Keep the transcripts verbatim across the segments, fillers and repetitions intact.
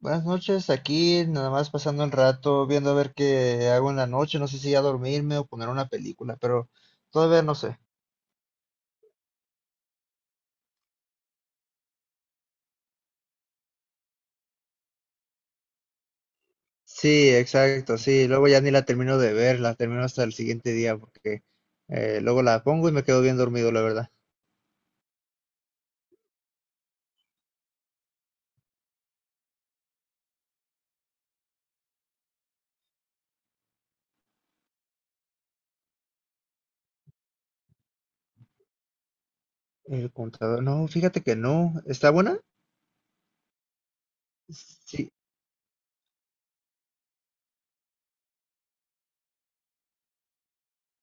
Buenas noches, aquí nada más pasando el rato, viendo a ver qué hago en la noche, no sé si ya dormirme o poner una película, pero todavía no sé. Sí, exacto, sí. Luego ya ni la termino de ver, la termino hasta el siguiente día porque eh, luego la pongo y me quedo bien dormido, la verdad. El contador, no, fíjate que no. ¿Está buena? Sí.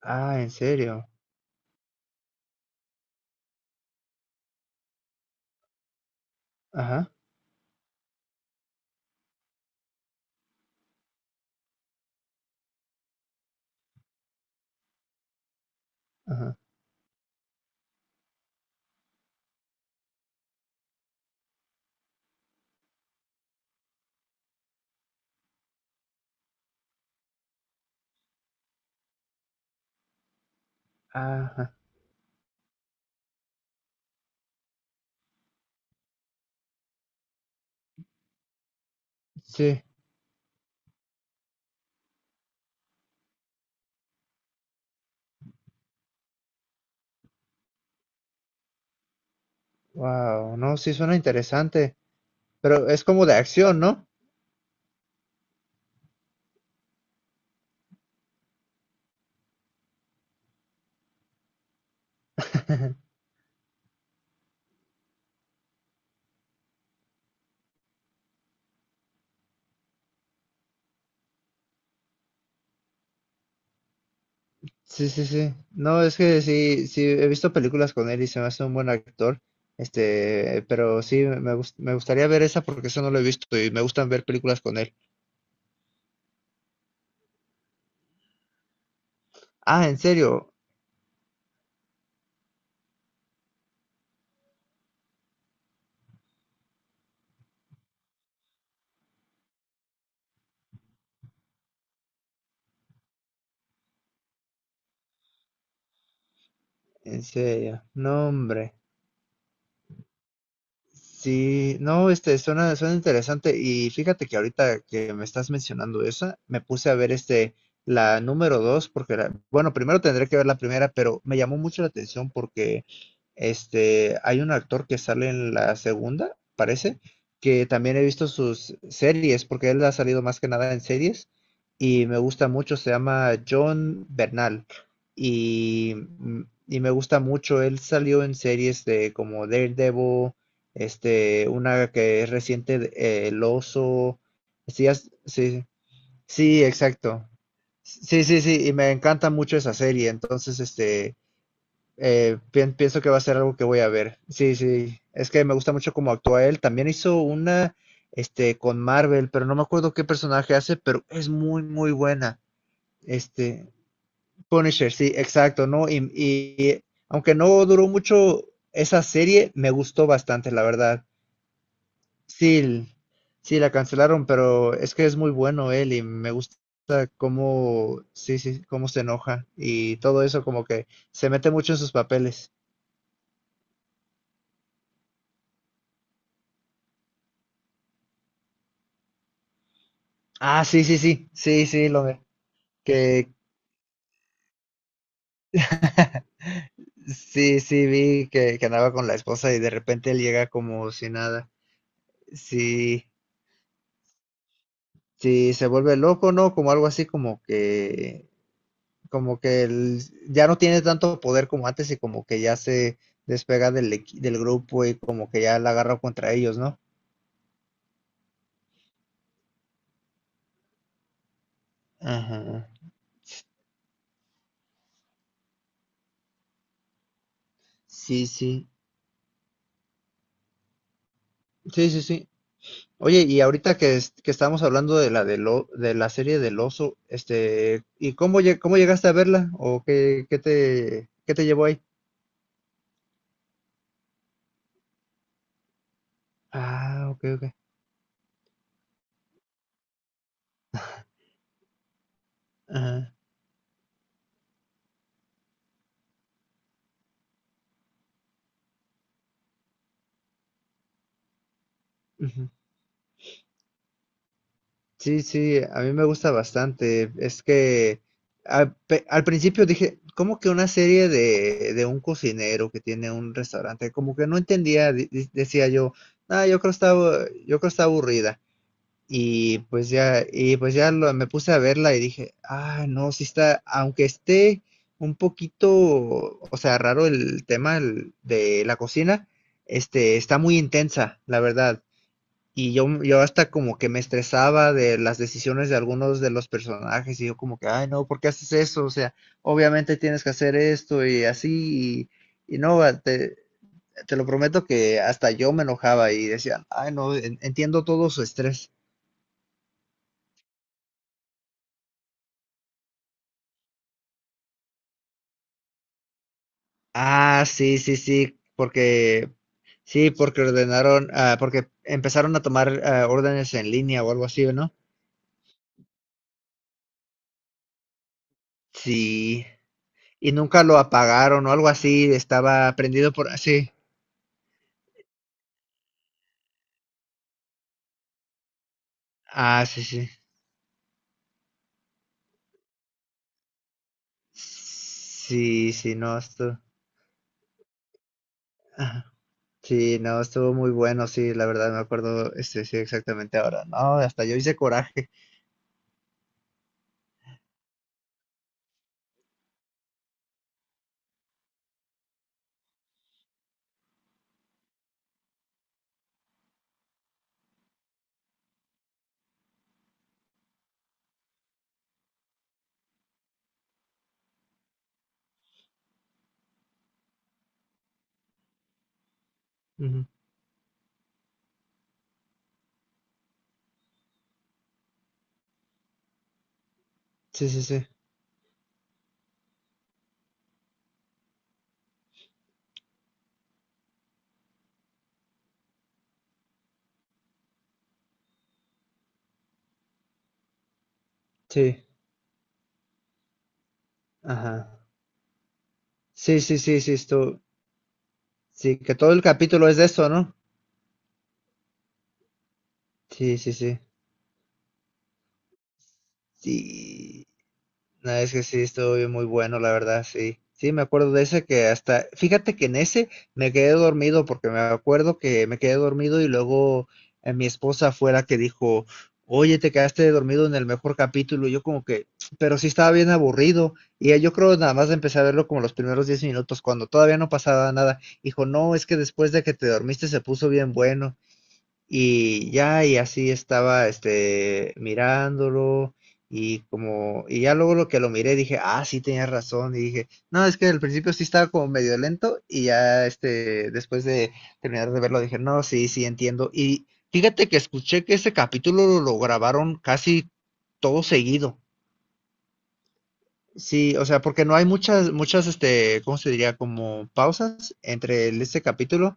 Ah, en serio. Ajá, ajá, ajá. Sí. Wow, no, sí suena interesante, pero es como de acción, ¿no? Sí, sí, sí. No, es que sí, sí, he visto películas con él y se me hace un buen actor. Este, pero sí, me, gust- me gustaría ver esa porque eso no lo he visto y me gustan ver películas con él. Ah, en serio, en serio. No, hombre. Sí, no, este, suena, suena interesante. Y fíjate que ahorita que me estás mencionando esa, me puse a ver este, la número dos, porque la- bueno, primero tendré que ver la primera, pero me llamó mucho la atención porque este, hay un actor que sale en la segunda, parece, que también he visto sus series, porque él ha salido más que nada en series, y me gusta mucho, se llama John Bernal. Y, mm, y me gusta mucho, él salió en series de como Daredevil, este, una que es reciente, de- eh, El Oso. Sí, has- sí, sí, exacto. Sí, sí, sí, y me encanta mucho esa serie, entonces, este, eh, pien- pienso que va a ser algo que voy a ver. Sí, sí, es que me gusta mucho cómo actúa él. También hizo una, este, con Marvel, pero no me acuerdo qué personaje hace, pero es muy, muy buena. Este, Punisher, sí, exacto, ¿no? Y, y aunque no duró mucho esa serie, me gustó bastante, la verdad. Sí, sí, la cancelaron, pero es que es muy bueno él y me gusta cómo, sí, sí, cómo se enoja y todo eso como que se mete mucho en sus papeles. Ah, sí, sí, sí, sí, sí, lo ve- que sí, sí, vi que, que andaba con la esposa y de repente él llega como si nada. Sí, sí, se vuelve loco, ¿no? Como algo así como que como que el- ya no tiene tanto poder como antes y como que ya se despega del, equi- del grupo y como que ya la agarra contra ellos, ¿no? Ajá. Sí, sí. Sí, sí, sí. Oye, y ahorita que, es- que estábamos hablando de la de, lo, de la serie del oso, este, ¿y cómo, lle- cómo llegaste a verla? ¿O qué, qué te, qué te llevó ahí? Ah, ok, ok. Ajá. Ujú. Sí, sí, a mí me gusta bastante. Es que al, pe- al principio dije, ¿cómo que una serie de, de un cocinero que tiene un restaurante? Como que no entendía, di- di- decía yo, ah, yo creo está, abu- yo creo está aburrida. Y pues ya, y pues ya lo- me puse a verla y dije, ah, no, sí está, aunque esté un poquito, o sea, raro el tema el- de la cocina, este, está muy intensa, la verdad. Y yo, yo hasta como que me estresaba de las decisiones de algunos de los personajes y yo como que, ay, no, ¿por qué haces eso? O sea, obviamente tienes que hacer esto y así y, y no, va, te, te lo prometo que hasta yo me enojaba y decía, ay, no, en- entiendo todo su estrés. Ah, sí, sí, sí, porque, sí, porque ordenaron, ah, porque empezaron a tomar ah, órdenes en línea o algo así, ¿no? Sí, y nunca lo apagaron o algo así, estaba prendido por, sí, ah, sí, sí. Sí, sí, no, esto, ajá. Sí, no, estuvo muy bueno, sí, la verdad me acuerdo, este, sí, exactamente ahora, no, hasta yo hice coraje. Ujú. Sí, sí, sí, sí, ajá. Sí, sí, sí, sí, esto, sí, que todo el capítulo es de eso, ¿no? Sí, sí, sí, sí. No, es que sí, estuvo bien muy bueno, la verdad, sí. Sí, me acuerdo de ese que hasta, fíjate que en ese me quedé dormido porque me acuerdo que me quedé dormido y luego eh, mi esposa fue la que dijo, oye, te quedaste dormido en el mejor capítulo. Y yo como que, pero sí estaba bien aburrido. Y eh, yo creo nada más empecé a verlo como los primeros diez minutos, cuando todavía no pasaba nada. Dijo, no, es que después de que te dormiste se puso bien bueno. Y ya, y así estaba, este, mirándolo, y como, y ya luego lo que lo miré dije, ah, sí tenía razón, y dije, no, es que al principio sí estaba como medio lento, y ya, este, después de terminar de verlo dije, no, sí, sí entiendo. Y fíjate que escuché que ese capítulo lo, lo grabaron casi todo seguido. Sí, o sea, porque no hay muchas, muchas, este, ¿cómo se diría? Como pausas entre este capítulo.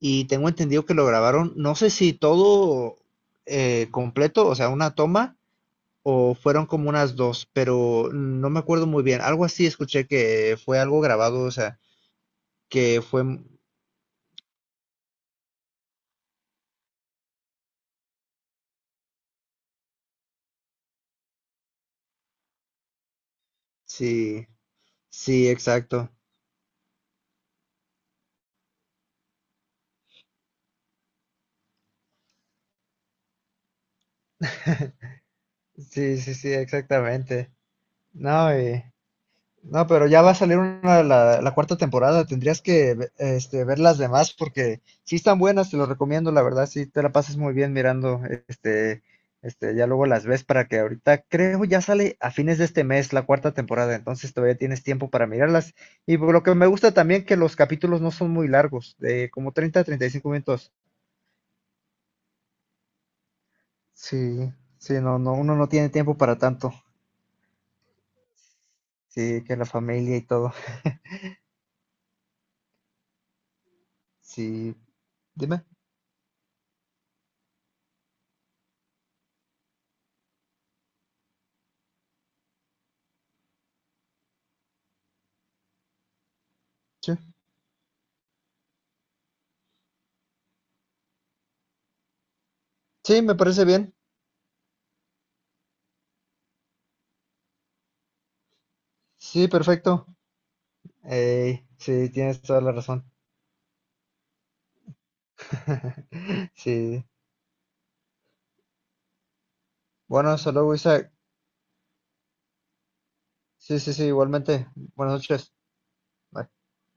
Y tengo entendido que lo grabaron, no sé si todo eh, completo, o sea, una toma, o fueron como unas dos, pero no me acuerdo muy bien. Algo así escuché que fue algo grabado, o sea, que fue... m- sí, sí, exacto. Sí, sí, sí, exactamente. No, y... No, pero ya va a salir una, la, la cuarta temporada. Tendrías que ve- este, ver las demás porque sí están buenas, te lo recomiendo, la verdad, sí te la pasas muy bien mirando, este, este, ya luego las ves para que ahorita creo ya sale a fines de este mes la cuarta temporada, entonces todavía tienes tiempo para mirarlas. Y por lo que me gusta también que los capítulos no son muy largos, de como treinta a treinta y cinco minutos. Sí, sí, no, no, uno no tiene tiempo para tanto. Sí, que la familia y todo. Sí, dime. Sí, sí, me parece bien. Sí, perfecto. Ey, sí, tienes toda la razón. Sí. Bueno, hasta luego, Isaac. Sí, sí, sí, igualmente. Buenas noches. Bye.